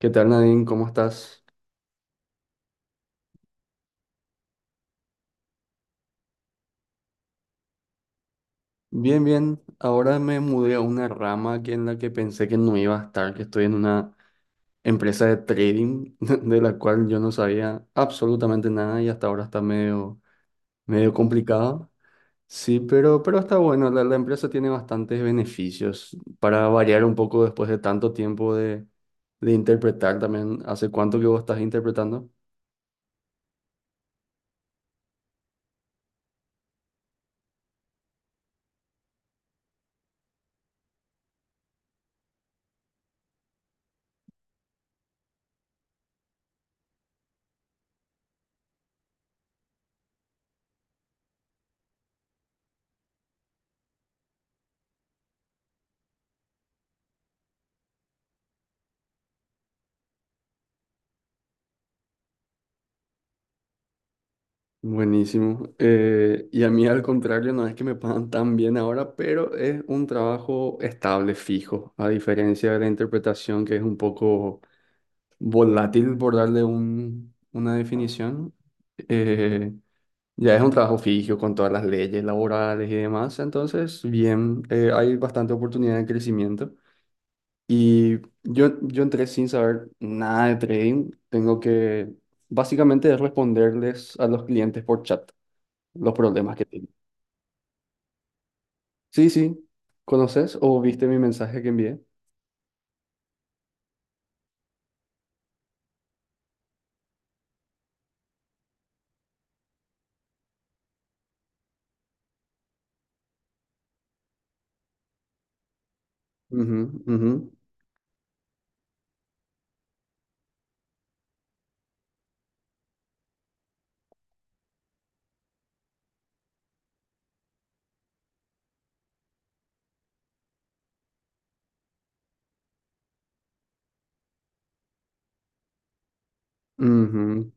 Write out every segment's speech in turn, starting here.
¿Qué tal, Nadine? ¿Cómo estás? Bien, bien. Ahora me mudé a una rama aquí en la que pensé que no iba a estar, que estoy en una empresa de trading de la cual yo no sabía absolutamente nada y hasta ahora está medio, medio complicado. Sí, pero está bueno. La empresa tiene bastantes beneficios para variar un poco después de tanto tiempo de interpretar también. ¿Hace cuánto que vos estás interpretando? Buenísimo. Y a mí al contrario, no es que me pagan tan bien ahora, pero es un trabajo estable, fijo, a diferencia de la interpretación que es un poco volátil, por darle una definición. Eh, ya es un trabajo fijo con todas las leyes laborales y demás, entonces bien, hay bastante oportunidad de crecimiento. Y yo entré sin saber nada de trading, tengo que básicamente es responderles a los clientes por chat los problemas que tiene. Sí, sí. ¿Conoces o viste mi mensaje que envié? Ujú, ujú, ujú.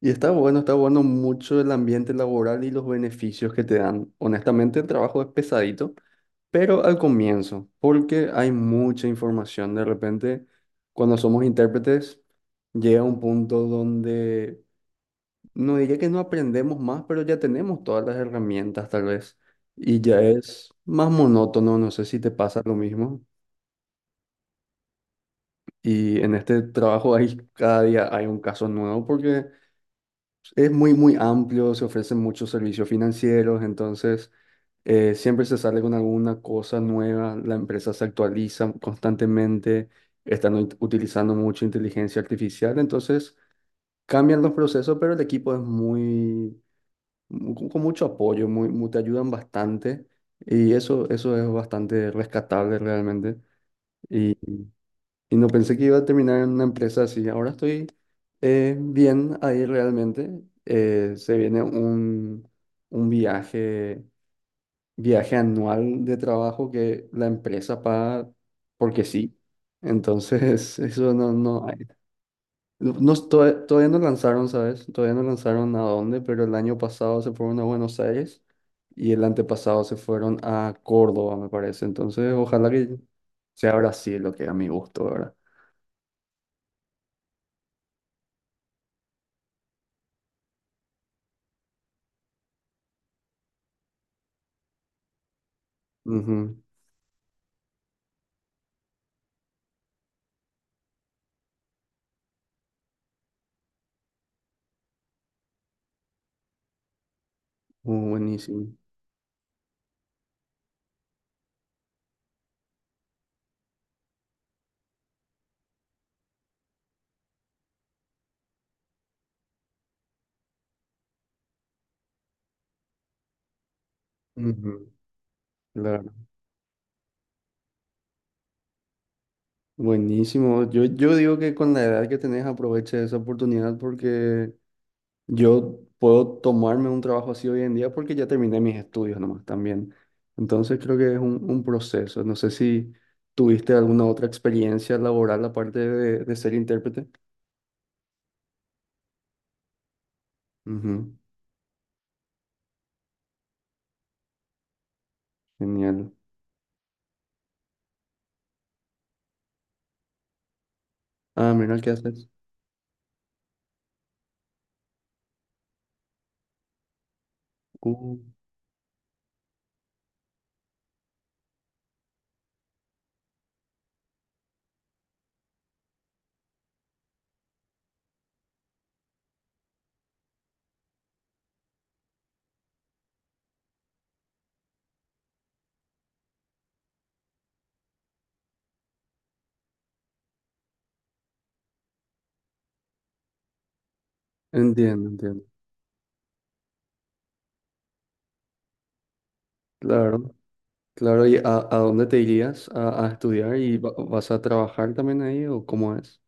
Y está bueno mucho el ambiente laboral y los beneficios que te dan. Honestamente, el trabajo es pesadito, pero al comienzo, porque hay mucha información. De repente, cuando somos intérpretes, llega un punto donde no diría que no aprendemos más, pero ya tenemos todas las herramientas, tal vez. Y ya es más monótono, no sé si te pasa lo mismo. Y en este trabajo hay, cada día hay un caso nuevo porque es muy, muy amplio, se ofrecen muchos servicios financieros, entonces siempre se sale con alguna cosa nueva, la empresa se actualiza constantemente, están utilizando mucha inteligencia artificial, entonces cambian los procesos, pero el equipo es muy, con mucho apoyo, muy, te ayudan bastante y eso es bastante rescatable realmente. Y no pensé que iba a terminar en una empresa así. Ahora estoy bien ahí realmente. Se viene un viaje, viaje anual de trabajo que la empresa paga porque sí. Entonces, eso no, no hay. No, todavía no lanzaron, ¿sabes? Todavía no lanzaron a dónde, pero el año pasado se fueron a Buenos Aires y el antepasado se fueron a Córdoba, me parece. Entonces, ojalá que sea Brasil lo que a mi gusto, ¿verdad? Ujú. Oh, buenísimo. Ujú, claro. Buenísimo. Yo digo que con la edad que tenés aproveche esa oportunidad porque yo puedo tomarme un trabajo así hoy en día porque ya terminé mis estudios nomás también. Entonces creo que es un proceso. No sé si tuviste alguna otra experiencia laboral aparte de ser intérprete. Ujú, genial. Ah, mira qué haces. Uh, entiendo, entiendo. Claro. Claro, ¿y a dónde te irías a estudiar y vas a trabajar también ahí o cómo es?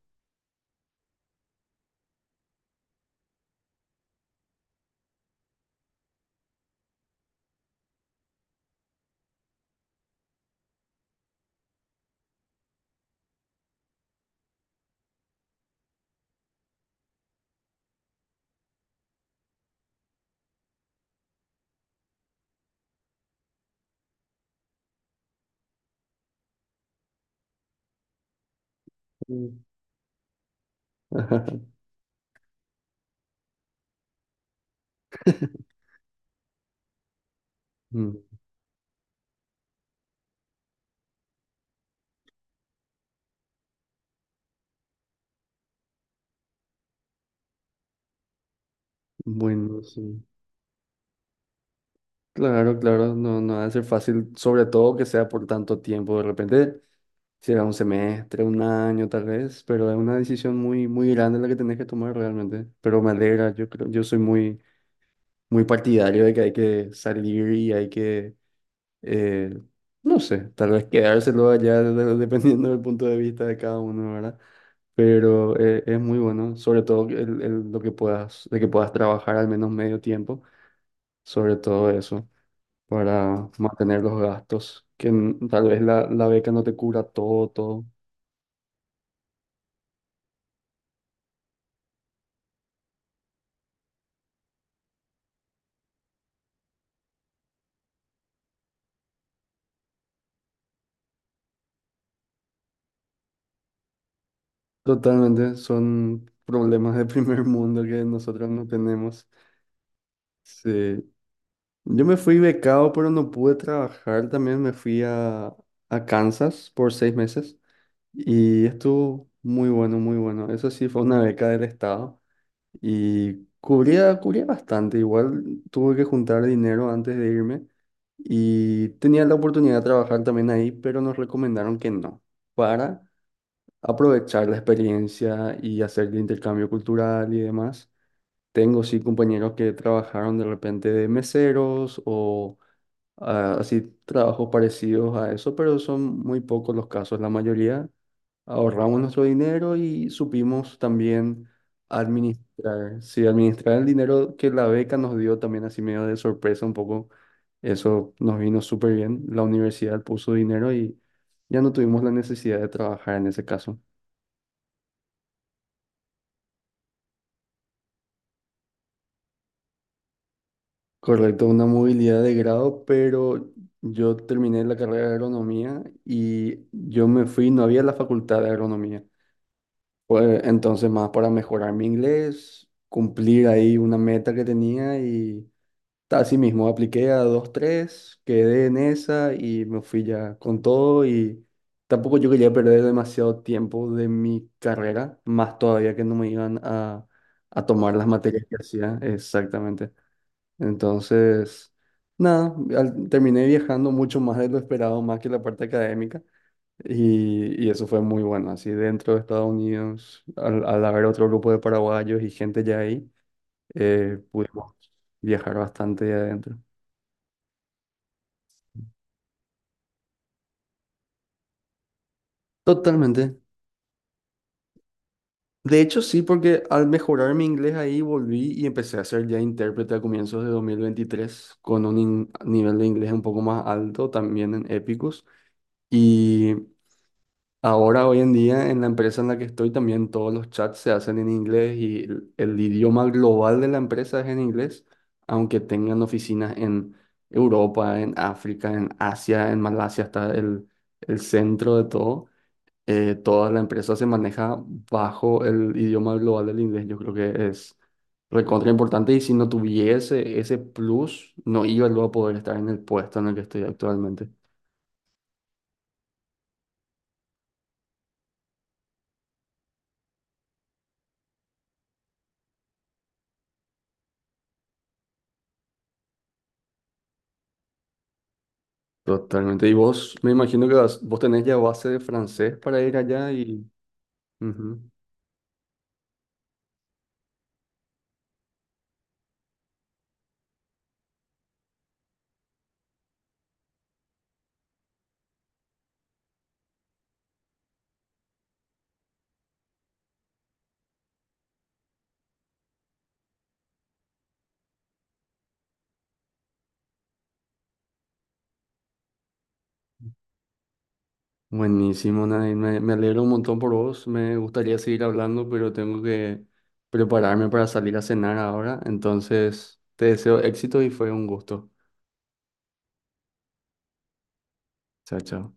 Mm. Mm, bueno, sí. Claro, claro, no, no va a ser fácil, sobre todo que sea por tanto tiempo. De repente será un semestre, un año tal vez, pero es una decisión muy, muy grande la que tenés que tomar realmente. Pero me alegra, yo creo, yo soy muy, muy partidario de que hay que salir y hay que, eh, no sé, tal vez quedárselo allá dependiendo del punto de vista de cada uno, ¿verdad? Pero es muy bueno, sobre todo lo que puedas, de que puedas trabajar al menos medio tiempo, sobre todo eso, para mantener los gastos, que tal vez la beca no te cubra todo, todo. Totalmente, son problemas de primer mundo que nosotros no tenemos. Sí. Yo me fui becado, pero no pude trabajar. También me fui a Kansas por 6 meses y estuvo muy bueno, muy bueno. Eso sí fue una beca del Estado. Y cubría, cubría bastante, igual tuve que juntar dinero antes de irme y tenía la oportunidad de trabajar también ahí, pero nos recomendaron que no, para aprovechar la experiencia y hacer el intercambio cultural y demás. Tengo sí compañeros que trabajaron de repente de meseros o ah, así trabajos parecidos a eso, pero son muy pocos los casos, la mayoría ahorramos nuestro dinero y supimos también administrar, sí, administrar el dinero que la beca nos dio también así medio de sorpresa un poco. Eso nos vino súper bien. La universidad puso dinero y ya no tuvimos la necesidad de trabajar en ese caso. Correcto, una movilidad de grado, pero yo terminé la carrera de agronomía y yo me fui, no había la facultad de agronomía. Pues entonces más para mejorar mi inglés, cumplir ahí una meta que tenía y así mismo, apliqué a dos, tres, quedé en esa y me fui ya con todo y tampoco yo quería perder demasiado tiempo de mi carrera, más todavía que no me iban a tomar las materias que hacía, exactamente. Entonces, nada, terminé viajando mucho más de lo esperado, más que la parte académica y eso fue muy bueno, así dentro de Estados Unidos, al, al haber otro grupo de paraguayos y gente ya ahí, pudimos viajar bastante adentro. Totalmente. De hecho, sí, porque al mejorar mi inglés ahí volví y empecé a ser ya intérprete a comienzos de 2023 con un nivel de inglés un poco más alto también en Epicus. Y ahora, hoy en día, en la empresa en la que estoy, también todos los chats se hacen en inglés y el idioma global de la empresa es en inglés, aunque tengan oficinas en Europa, en África, en Asia, en Malasia, está el centro de todo. Toda la empresa se maneja bajo el idioma global del inglés. Yo creo que es recontra importante y si no tuviese ese plus, no iba luego a poder estar en el puesto en el que estoy actualmente. Totalmente. Y vos, me imagino que vos tenés ya base de francés para ir allá y... Ujú. Buenísimo, Nadine. Me alegro un montón por vos. Me gustaría seguir hablando, pero tengo que prepararme para salir a cenar ahora. Entonces, te deseo éxito y fue un gusto. Chao, chao.